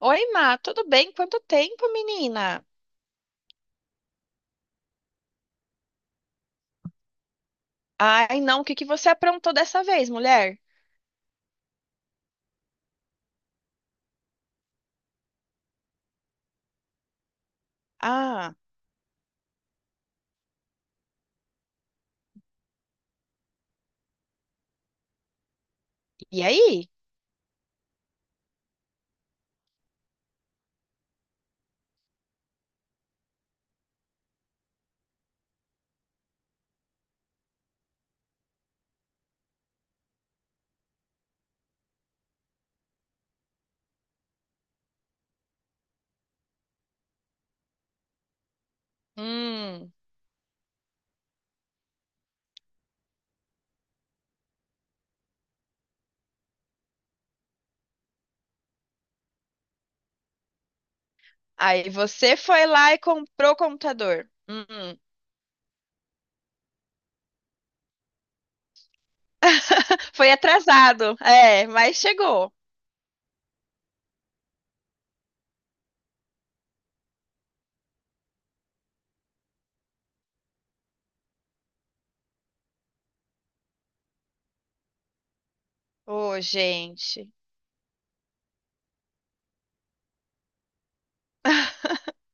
Oi, Má, tudo bem? Quanto tempo, menina? Ai, não, o que que você aprontou dessa vez, mulher? Ah, e aí? Hum, aí você foi lá e comprou o computador. Foi atrasado, é, mas chegou. Ô, gente.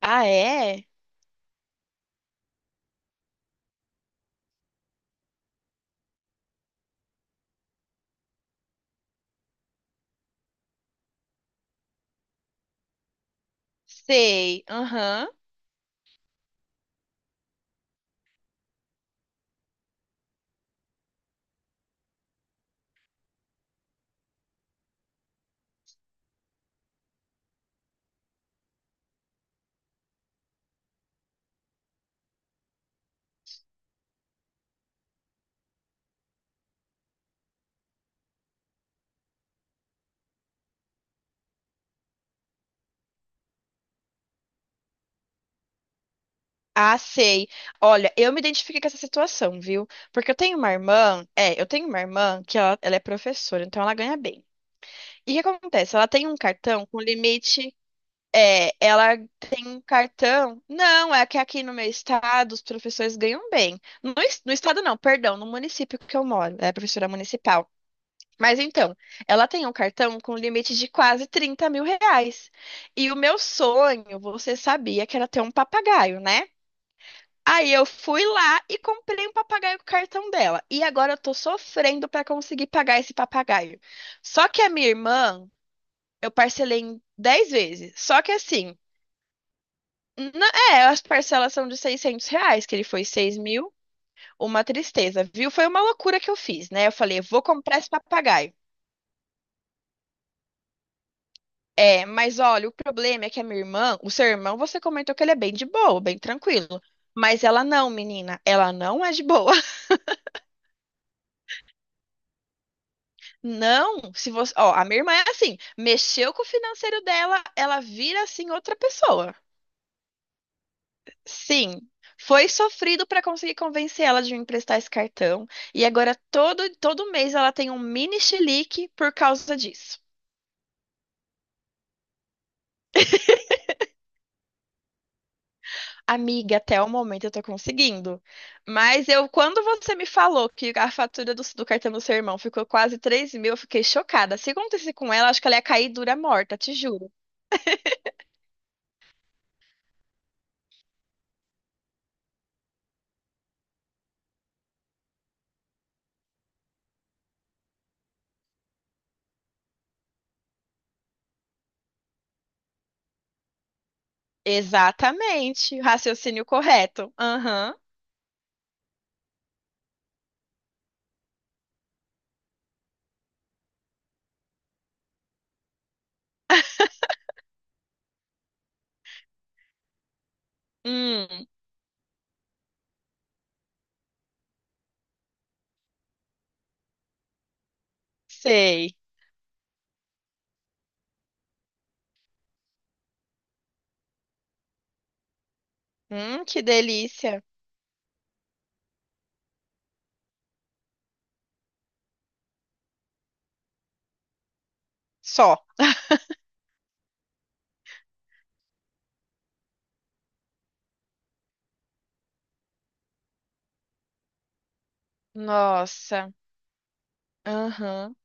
Ah, é? Sei, aham. Ah, sei. Olha, eu me identifiquei com essa situação, viu? Porque eu tenho uma irmã que ela é professora, então ela ganha bem. E o que acontece? Ela tem um cartão com limite. É, ela ganha um cartão. Não, é que aqui no meu estado os professores ganham bem. No estado não, perdão, no município que eu moro. É professora municipal. Mas então, ela tem um cartão com limite de quase R$ 30.000. E o meu sonho, você sabia que era ter um papagaio, né? Aí eu fui lá e comprei um papagaio com o cartão dela. E agora eu tô sofrendo pra conseguir pagar esse papagaio. Só que a minha irmã eu parcelei em 10 vezes. Só que assim, na- é, as parcelas são de R$ 600, que ele foi 6.000. Uma tristeza, viu? Foi uma loucura que eu fiz, né? Eu falei, vou comprar esse papagaio. É, mas olha, o problema é que a minha irmã, o seu irmão, você comentou que ele é bem de boa, bem tranquilo. Mas ela não, menina, ela não é de boa. Não, se você, ó, a minha irmã é assim, mexeu com o financeiro dela, ela vira assim outra pessoa. Sim, foi sofrido para conseguir convencer ela de me emprestar esse cartão. E agora todo mês ela tem um mini chilique por causa disso. Amiga, até o momento eu tô conseguindo. Mas eu, quando você me falou que a fatura do cartão do seu irmão ficou quase 3.000, eu fiquei chocada. Se acontecesse com ela, acho que ela ia cair dura morta, te juro. Exatamente, raciocínio correto. Aham. Hum, sei. Que delícia. Só. Nossa. Aham.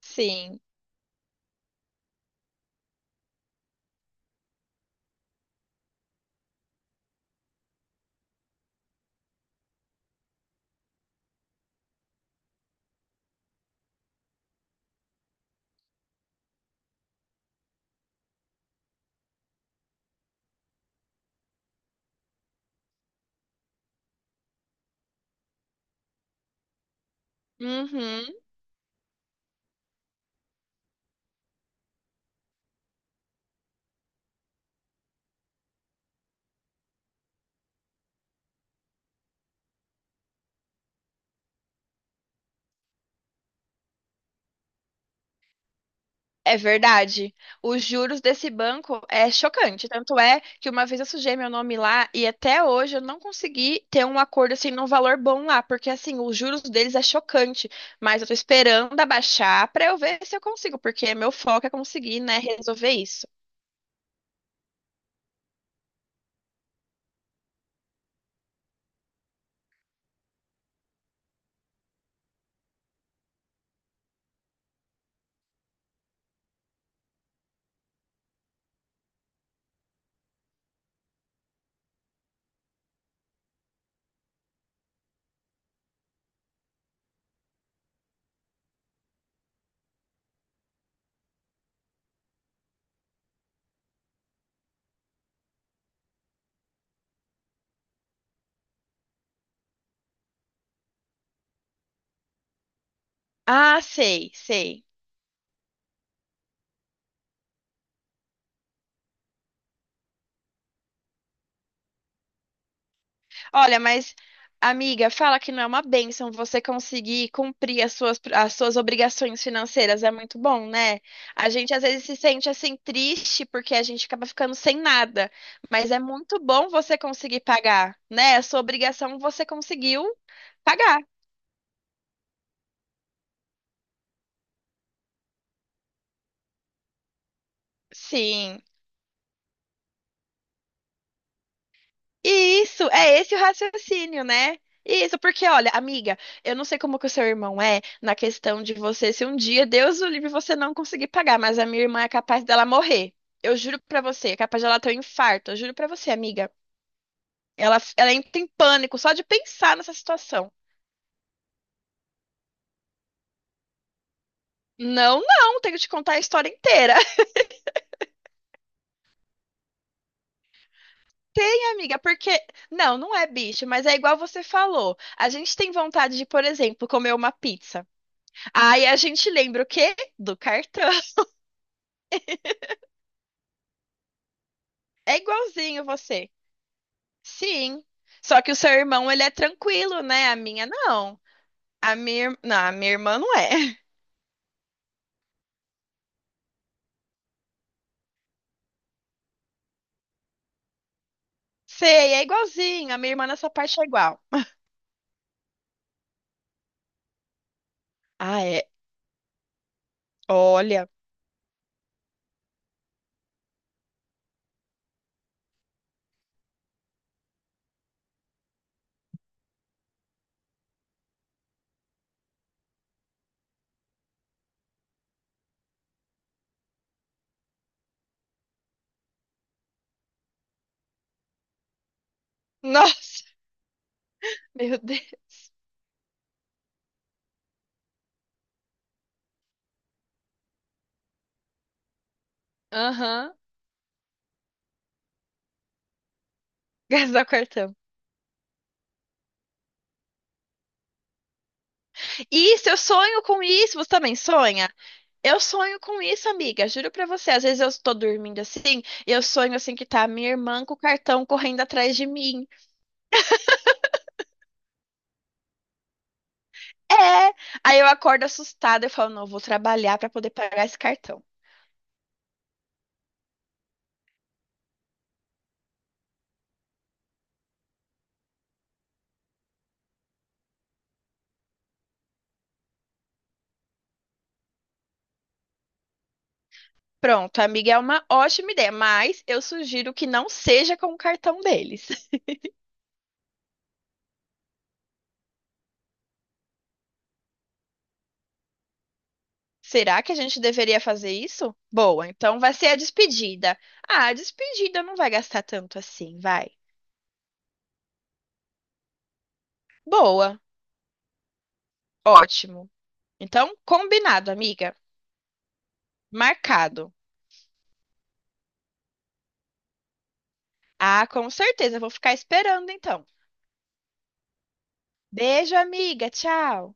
Sim. Uhum. É verdade. Os juros desse banco é chocante. Tanto é que uma vez eu sujei meu nome lá e até hoje eu não consegui ter um acordo assim num valor bom lá, porque assim, os juros deles é chocante, mas eu tô esperando abaixar pra eu ver se eu consigo, porque meu foco é conseguir, né, resolver isso. Ah, sei, sei. Olha, mas amiga, fala que não é uma bênção você conseguir cumprir as suas obrigações financeiras. É muito bom, né? A gente às vezes se sente assim triste porque a gente acaba ficando sem nada, mas é muito bom você conseguir pagar, né? A sua obrigação você conseguiu pagar. Sim. Isso, é esse o raciocínio, né? Isso, porque olha, amiga, eu não sei como que o seu irmão é na questão de você, se um dia, Deus o livre, você não conseguir pagar, mas a minha irmã é capaz dela morrer. Eu juro pra você, é capaz dela ter um infarto. Eu juro pra você, amiga. Ela entra em pânico só de pensar nessa situação. Não, não, tenho que te contar a história inteira. Tem, amiga, porque. Não, não é bicho, mas é igual você falou. A gente tem vontade de, por exemplo, comer uma pizza. Aí a gente lembra o quê? Do cartão. É igualzinho você. Sim. Só que o seu irmão, ele é tranquilo, né? A minha não. Não, a minha irmã não é. Sei, é igualzinho. A minha irmã nessa parte é igual. Ah, é. Olha. Nossa, meu Deus. Aham. Gastar o cartão. Isso, eu sonho com isso. Você também sonha? Eu sonho com isso, amiga. Juro pra você. Às vezes eu tô dormindo assim, e eu sonho assim que tá a minha irmã com o cartão correndo atrás de mim. É. Aí eu acordo assustada, eu falo, não, eu vou trabalhar para poder pagar esse cartão. Pronto, amiga, é uma ótima ideia, mas eu sugiro que não seja com o cartão deles. Será que a gente deveria fazer isso? Boa, então vai ser a despedida. Ah, a despedida não vai gastar tanto assim, vai. Boa, ótimo. Então, combinado, amiga. Marcado. Ah, com certeza, eu vou ficar esperando então. Beijo, amiga, tchau.